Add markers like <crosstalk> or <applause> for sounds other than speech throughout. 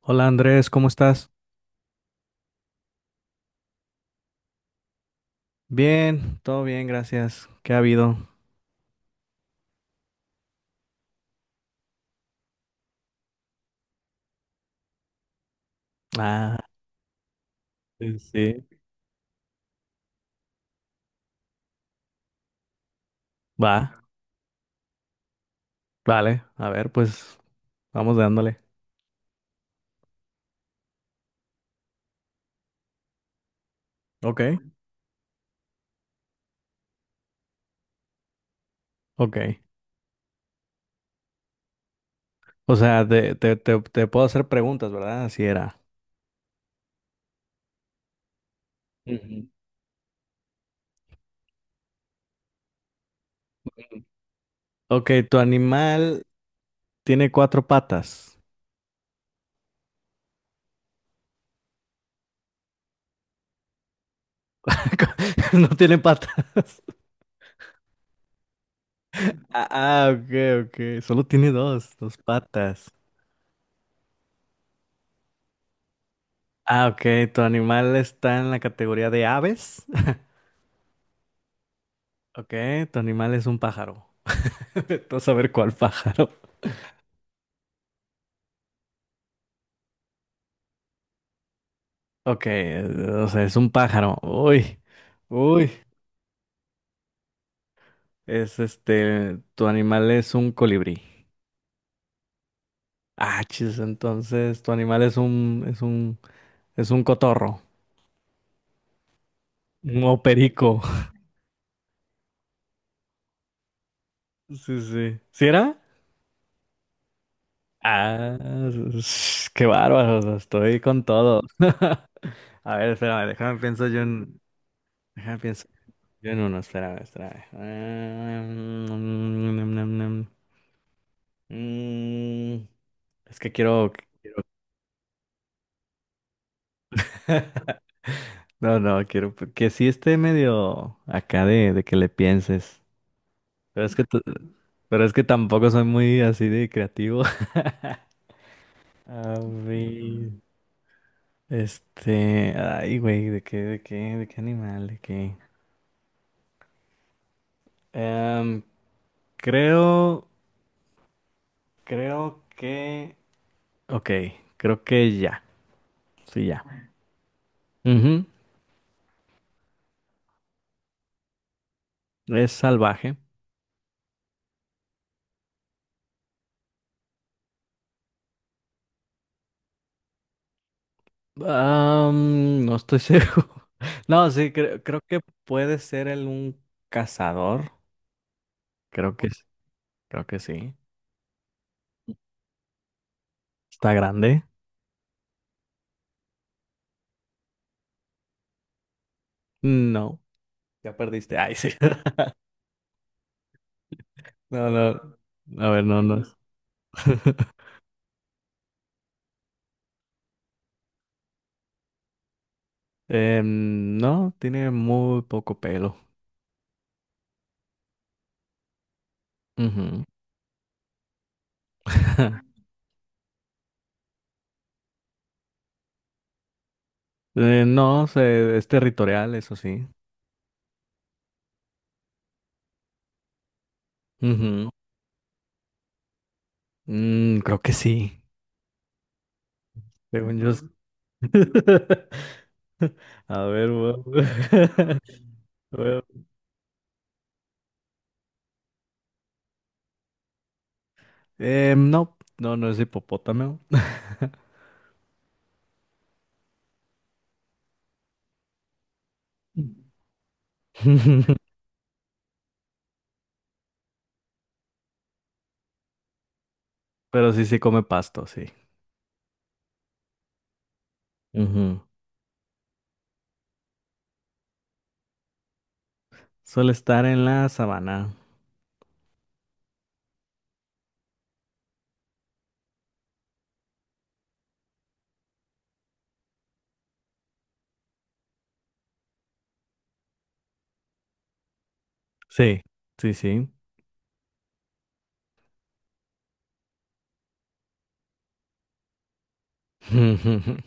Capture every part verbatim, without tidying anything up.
Hola Andrés, ¿cómo estás? Bien, todo bien, gracias. ¿Qué ha habido? Ah, sí, sí. Va, vale. A ver, pues vamos dándole. Ok, ok. O sea, te, te, te, te puedo hacer preguntas, ¿verdad? Así era. Ujú. Ok, tu animal tiene cuatro patas. <laughs> No tiene patas. <laughs> Ah, ah, ok, ok. Solo tiene dos, dos patas. Ah, ok. ¿Tu animal está en la categoría de aves? <laughs> Ok, tu animal es un pájaro. <laughs> Tú saber cuál pájaro. Ok, o sea, es un pájaro. Uy, uy. Es este, tu animal es un colibrí. Ah, chis, entonces tu animal es un, es un, es un cotorro, un perico. <laughs> Sí, sí. ¿Sí era? Ah, s- qué bárbaro, o sea, estoy con todo. A ver, espérame, déjame pienso yo en, déjame pienso yo en uno, espérame, espérame. Ah, Mm, mm, mm, mm, mm. mm. Es que quiero. <laughs> No, no, quiero p- que sí esté medio acá de, de que le pienses. Pero es que, t- pero es que tampoco soy muy así de creativo. <laughs> A ver, este, ay, güey, ¿de qué, de qué, de qué animal, de qué? Em, creo, creo que, ok, creo que ya, sí, ya. Ujú. Es salvaje. Am, no estoy seguro. <laughs> No, sí, cre- creo que puede ser el, un cazador, creo que sí. Creo que sí. ¿Está grande? No. Ya perdiste. Ay, sí. <laughs> No, no. A ver, no, no. Es. <laughs> Em, no, tiene muy poco pelo. Ujú. <laughs> Eh, no, se- es territorial, eso sí. Ujú. Mm, creo que sí. Según yo. s- <laughs> A ver, bueno. <laughs> Bueno, em, no, no, no es hipopótamo. <laughs> <laughs> Pero sí, sí come pasto, sí. Ujú. Suele estar en la sabana. Sí, sí, sí. <laughs>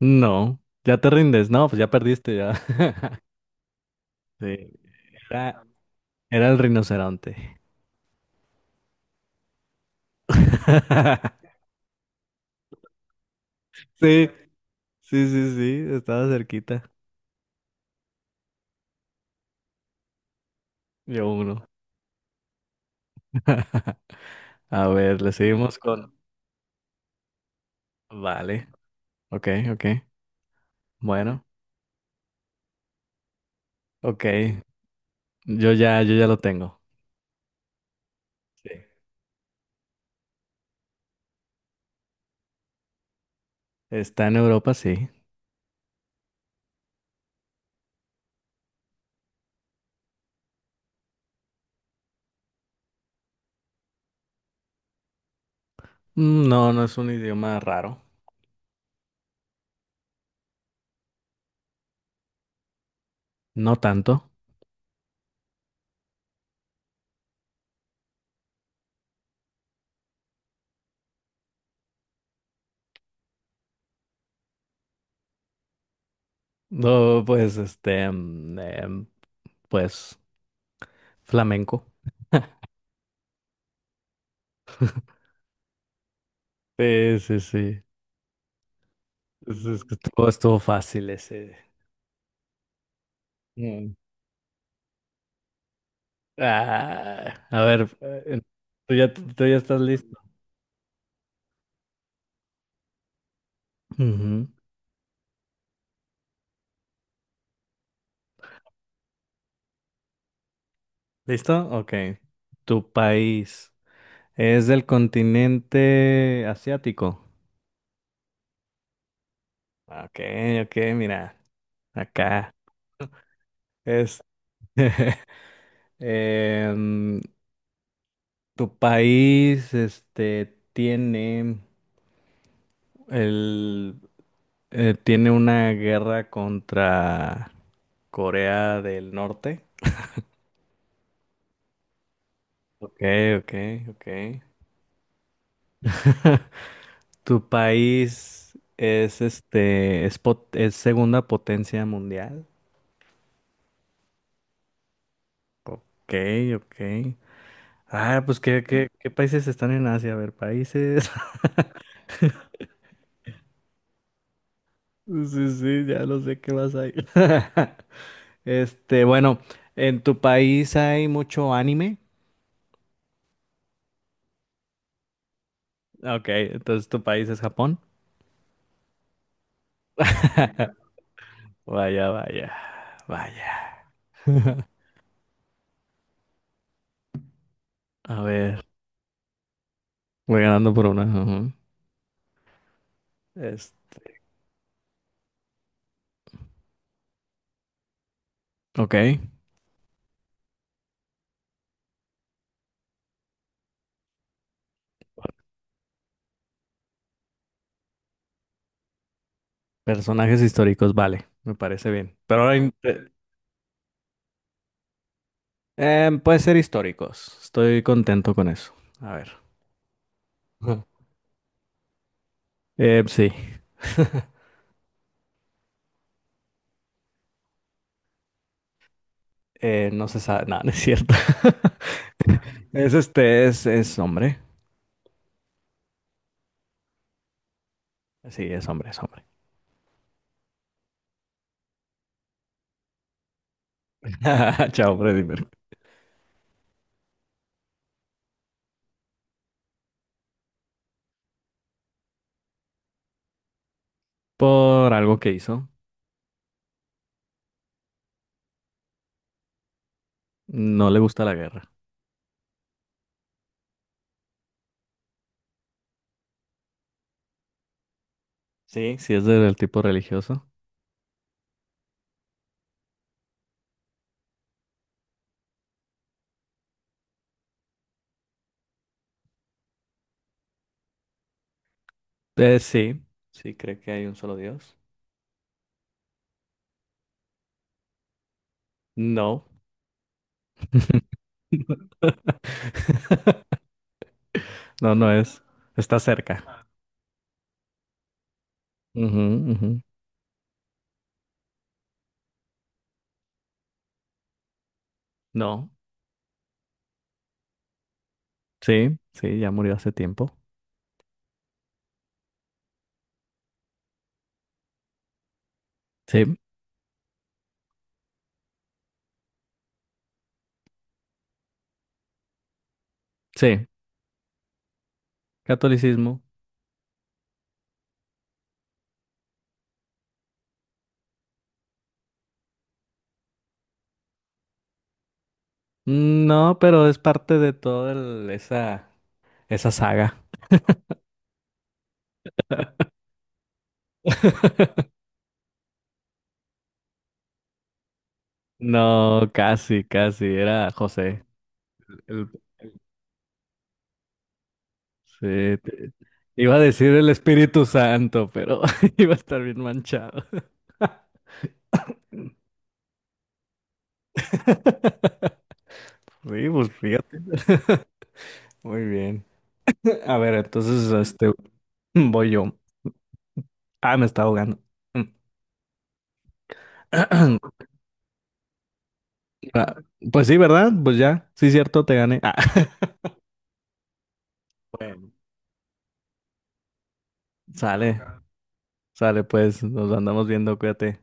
No, ya te rindes. No, pues ya perdiste ya. <laughs> Sí, era, era el rinoceronte. <laughs> Sí, sí, sí, sí, estaba cerquita. Yo uno. <laughs> A ver, le seguimos con... Vale, ok, ok. Bueno, ok. Yo ya, yo ya lo tengo. Sí. Está en Europa, sí. Mm, No, no es un idioma raro. No tanto. No, pues, este, mm, em, pues... Flamenco. Sí, sí, sí. Es, es que Estuvo, estuvo fácil ese. Mm. Ah, a ver, Eh, ¿Tú ya, tú ya estás listo? Ujú. ¿Listo? Ok. ¿Tu país es del continente asiático? Ok, ok, mira, acá. Es. <laughs> em, ¿Tu país, este, tiene el, eh, tiene una guerra contra Corea del Norte. Ok, ok, ok. ¿Tu país es este, es, pot- es segunda potencia mundial? Ok, ok. Ah, pues ¿qué, qué, qué países están en Asia? A ver, países. <laughs> Sí, sí, ya lo sé qué vas a ir. <laughs> Este, bueno, ¿en tu país hay mucho anime? Ok, entonces tu país es Japón. Vaya, vaya, vaya. <laughs> A ver, voy ganando por una. Ajá. Es, ok. Personajes históricos, vale, me parece bien. Pero ahora in- eh, em, puede ser históricos. Estoy contento con eso. A ver. Ujú. Em, sí. <laughs> Eh, no se sabe. No, no es cierto. <laughs> Es este, es, es hombre. Sí, es hombre, es hombre. <laughs> Chao, Freddy Mercury. Por algo que hizo. No le gusta la guerra. Sí, sí es del tipo religioso. Eh, sí, sí cree que hay un solo Dios. No. <laughs> No, no es. Está cerca. Ujú, ujú. No, sí, sí, ya murió hace tiempo. Sí, sí, catolicismo. Mm, No, pero es parte de toda el- esa, esa saga. <laughs> No, casi, casi, era José. El- sí, te- iba a decir el Espíritu Santo, pero <laughs> iba a estar bien manchado. <laughs> Sí, pues fíjate. Muy bien. A ver, entonces, este, <clears throat> voy yo. Ah, me está ahogando. <clears throat> Ah, pues sí, ¿verdad? Pues ya, sí, cierto, te gané. Ah. <laughs> Sale, sale pues, nos andamos viendo, cuídate.